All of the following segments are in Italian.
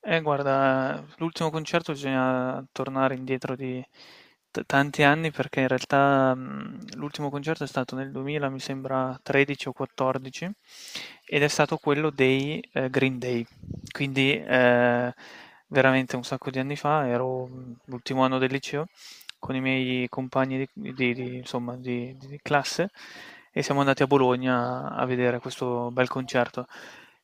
Guarda, l'ultimo concerto bisogna tornare indietro di tanti anni perché in realtà l'ultimo concerto è stato nel 2000, mi sembra 13 o 14, ed è stato quello dei Green Day. Quindi veramente un sacco di anni fa, ero l'ultimo anno del liceo con i miei compagni di, insomma, di classe e siamo andati a Bologna a vedere questo bel concerto.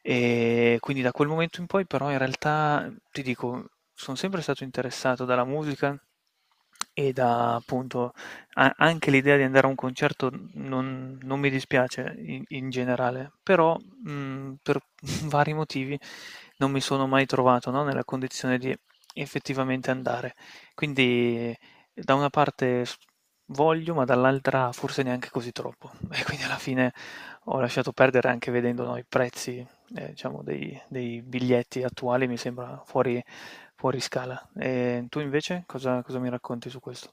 E quindi da quel momento in poi però in realtà, ti dico, sono sempre stato interessato dalla musica e da appunto anche l'idea di andare a un concerto non mi dispiace in generale, però per vari motivi non mi sono mai trovato, no, nella condizione di effettivamente andare. Quindi da una parte voglio, ma dall'altra forse neanche così troppo. E quindi alla fine ho lasciato perdere anche vedendo, no, i prezzi diciamo dei biglietti attuali mi sembra fuori scala. Tu invece cosa mi racconti su questo?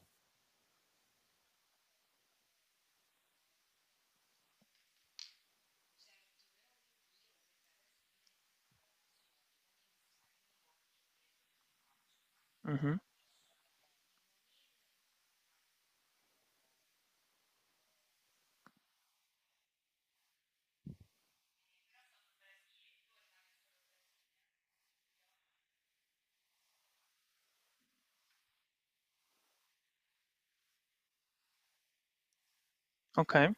Mh-mh. Okay.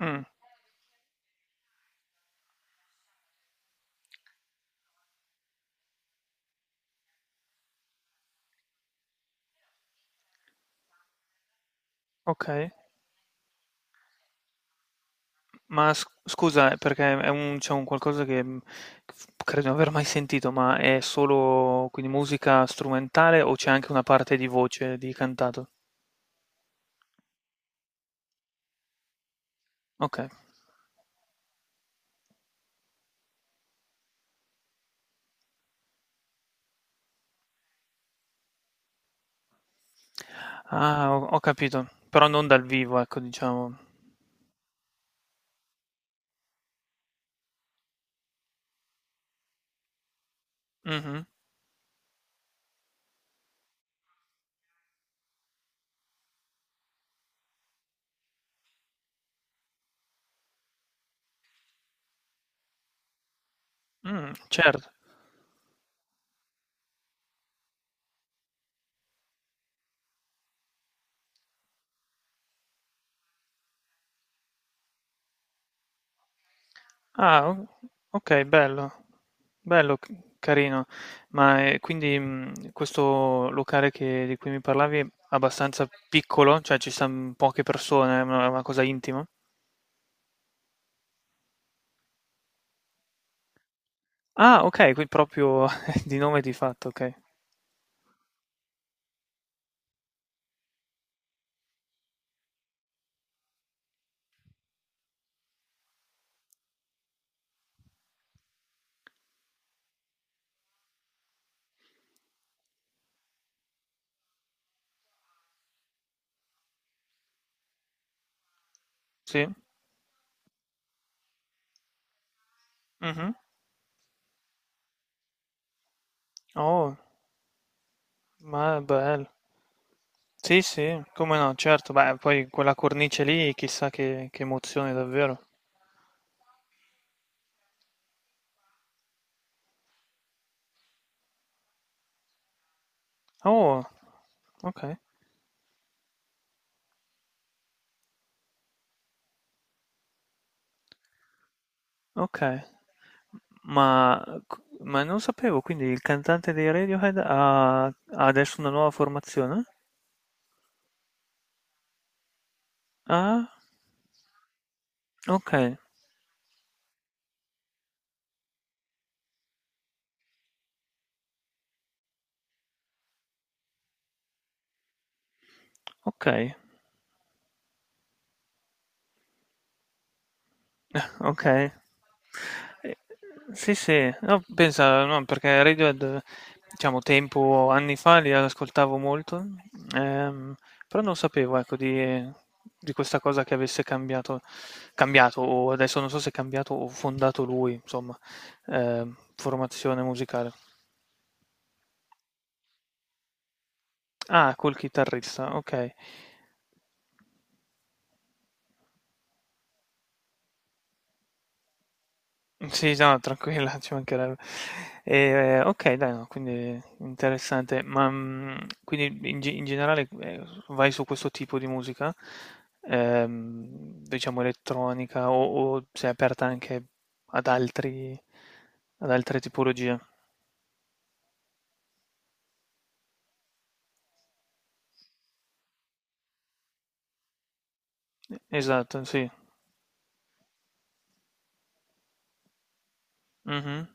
Mh. Okay. Ma s scusa, perché è un c'è un qualcosa che, mhmm, f credo di non aver mai sentito, ma è solo quindi musica strumentale o c'è anche una parte di voce, di cantato? Okay. Ah ho capito, però non dal vivo ecco diciamo. Mh-mh. Certo. Ah, ok, bello, bello, carino. Ma quindi questo locale di cui mi parlavi è abbastanza piccolo, cioè ci stanno poche persone, è una cosa intima. Ah, ok, qui proprio di nome di fatto, ok. Sì. Mhm. Oh, ma è bello. Sì, sì, come no, certo. Beh, poi quella cornice lì, chissà che emozione davvero. Oh, ok, ok. Ma, ma non sapevo, quindi il cantante dei Radiohead ha adesso una nuova formazione? Ah, ok, ok, ok. Eh, sì, sì, no, pensa, no, perché Radiohead, diciamo, tempo, anni fa li ascoltavo molto, ehm, però non sapevo, ecco, di questa cosa che avesse cambiato, cambiato, o adesso non so se è cambiato o fondato lui, insomma, formazione musicale. Ah, col chitarrista, okay. Sì, no, tranquilla, ci mancherebbe. Okay, dai, no, quindi interessante. Ma, quindi in generale, vai su questo tipo di musica? Diciamo elettronica o sei aperta anche ad altri ad altre tipologie? Esatto, sì. Mh-mh.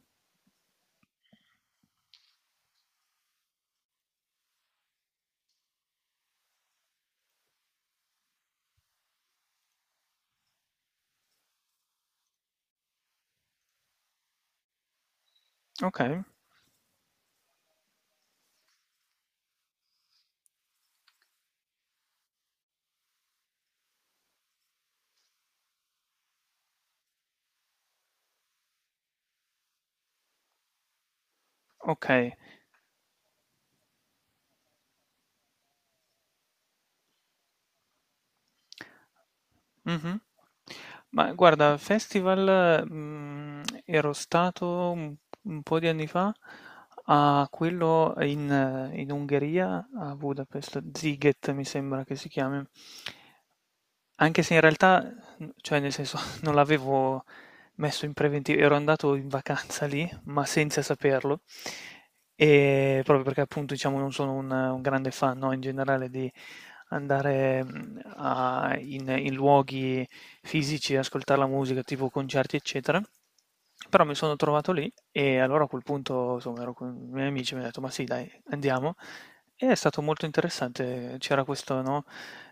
Okay, okay. Mh-mh. Ma guarda, festival, ero stato un po' di anni fa a quello in Ungheria, a Budapest, Sziget mi sembra che si chiami. Anche se in realtà, cioè nel senso non l'avevo messo in preventivo, ero andato in vacanza lì, ma senza saperlo. Proprio perché appunto diciamo non sono un grande fan, no, in generale di andare, a in in luoghi fisici, ascoltar la musica, tipo concerti, eccetera. Però mi sono trovato lì e allora a quel punto, insomma, ero con i miei amici e mi han detto: "Ma sì dai, andiamo." E è stato molto interessante. C'era questo, no,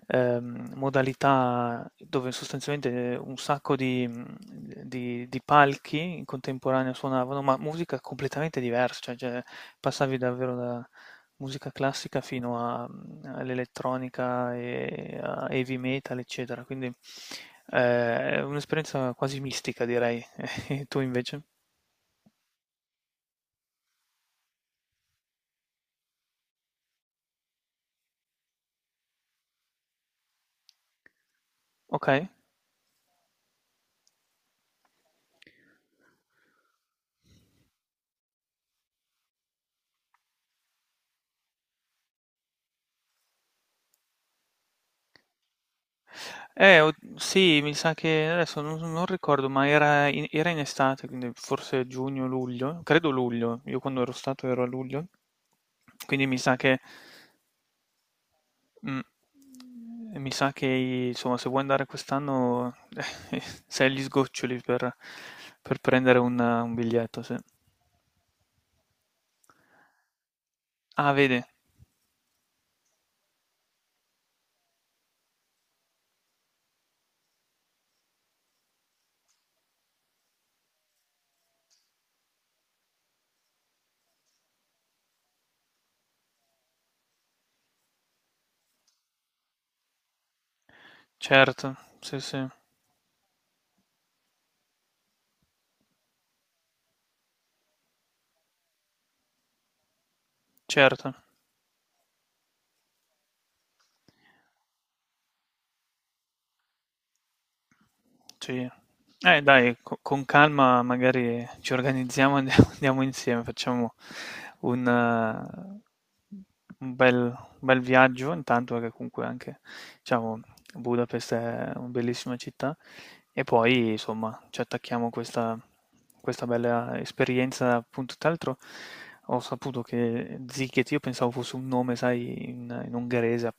modalità dove sostanzialmente un sacco di palchi in contemporanea suonavano, ma musica completamente diversa, cioè, passavi davvero da musica classica fino all'elettronica e a heavy metal, eccetera. Quindi è un'esperienza quasi mistica, direi. E tu invece? Ok? Sì, mi sa che adesso non ricordo, ma era in estate, quindi forse giugno, luglio, credo luglio, io quando ero stato ero a luglio, quindi mm, mi sa che insomma, se vuoi andare quest'anno sei agli sgoccioli per prendere un biglietto, sì. Ah, vedi, certo, sì, sì, certo. Sì. Dai, co con calma magari ci organizziamo, e andiamo andiamo insieme, facciamo un, eh, un bel viaggio, intanto che comunque anche, diciamo, Budapest è una bellissima città, e poi insomma ci attacchiamo a questa bella esperienza, appunto, tra l'altro ho saputo che Ziket, io pensavo fosse un nome, sai, in ungherese,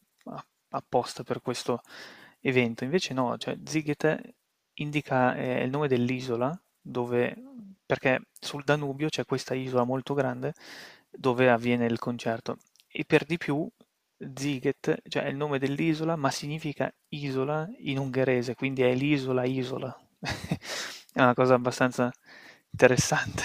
apposta per questo evento. Invece no, cioè Ziggete indica il nome dell'isola dove, perché sul Danubio c'è questa isola molto grande dove avviene il concerto. E per di più Ziget, cioè è il nome dell'isola, ma significa isola in ungherese, quindi è l'isola isola. È una cosa abbastanza interessante.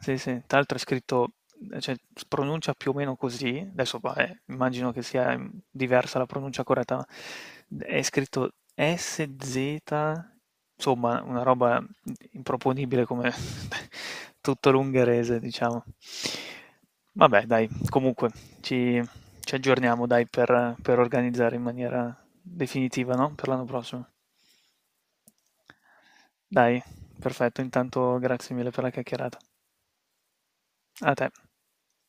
Sì, sì, tra l'altro è scritto cioè si pronuncia più o meno così, adesso vabbè, immagino che sia, diversa la pronuncia corretta, ma è scritto SZ, insomma una roba improponibile come tutto l'ungherese, diciamo. Vabbè dai, comunque ci ci aggiorniamo dai per organizzare in maniera definitiva, no, per l'anno prossimo. Dai, perfetto, intanto grazie mille per la chiacchierata. A te.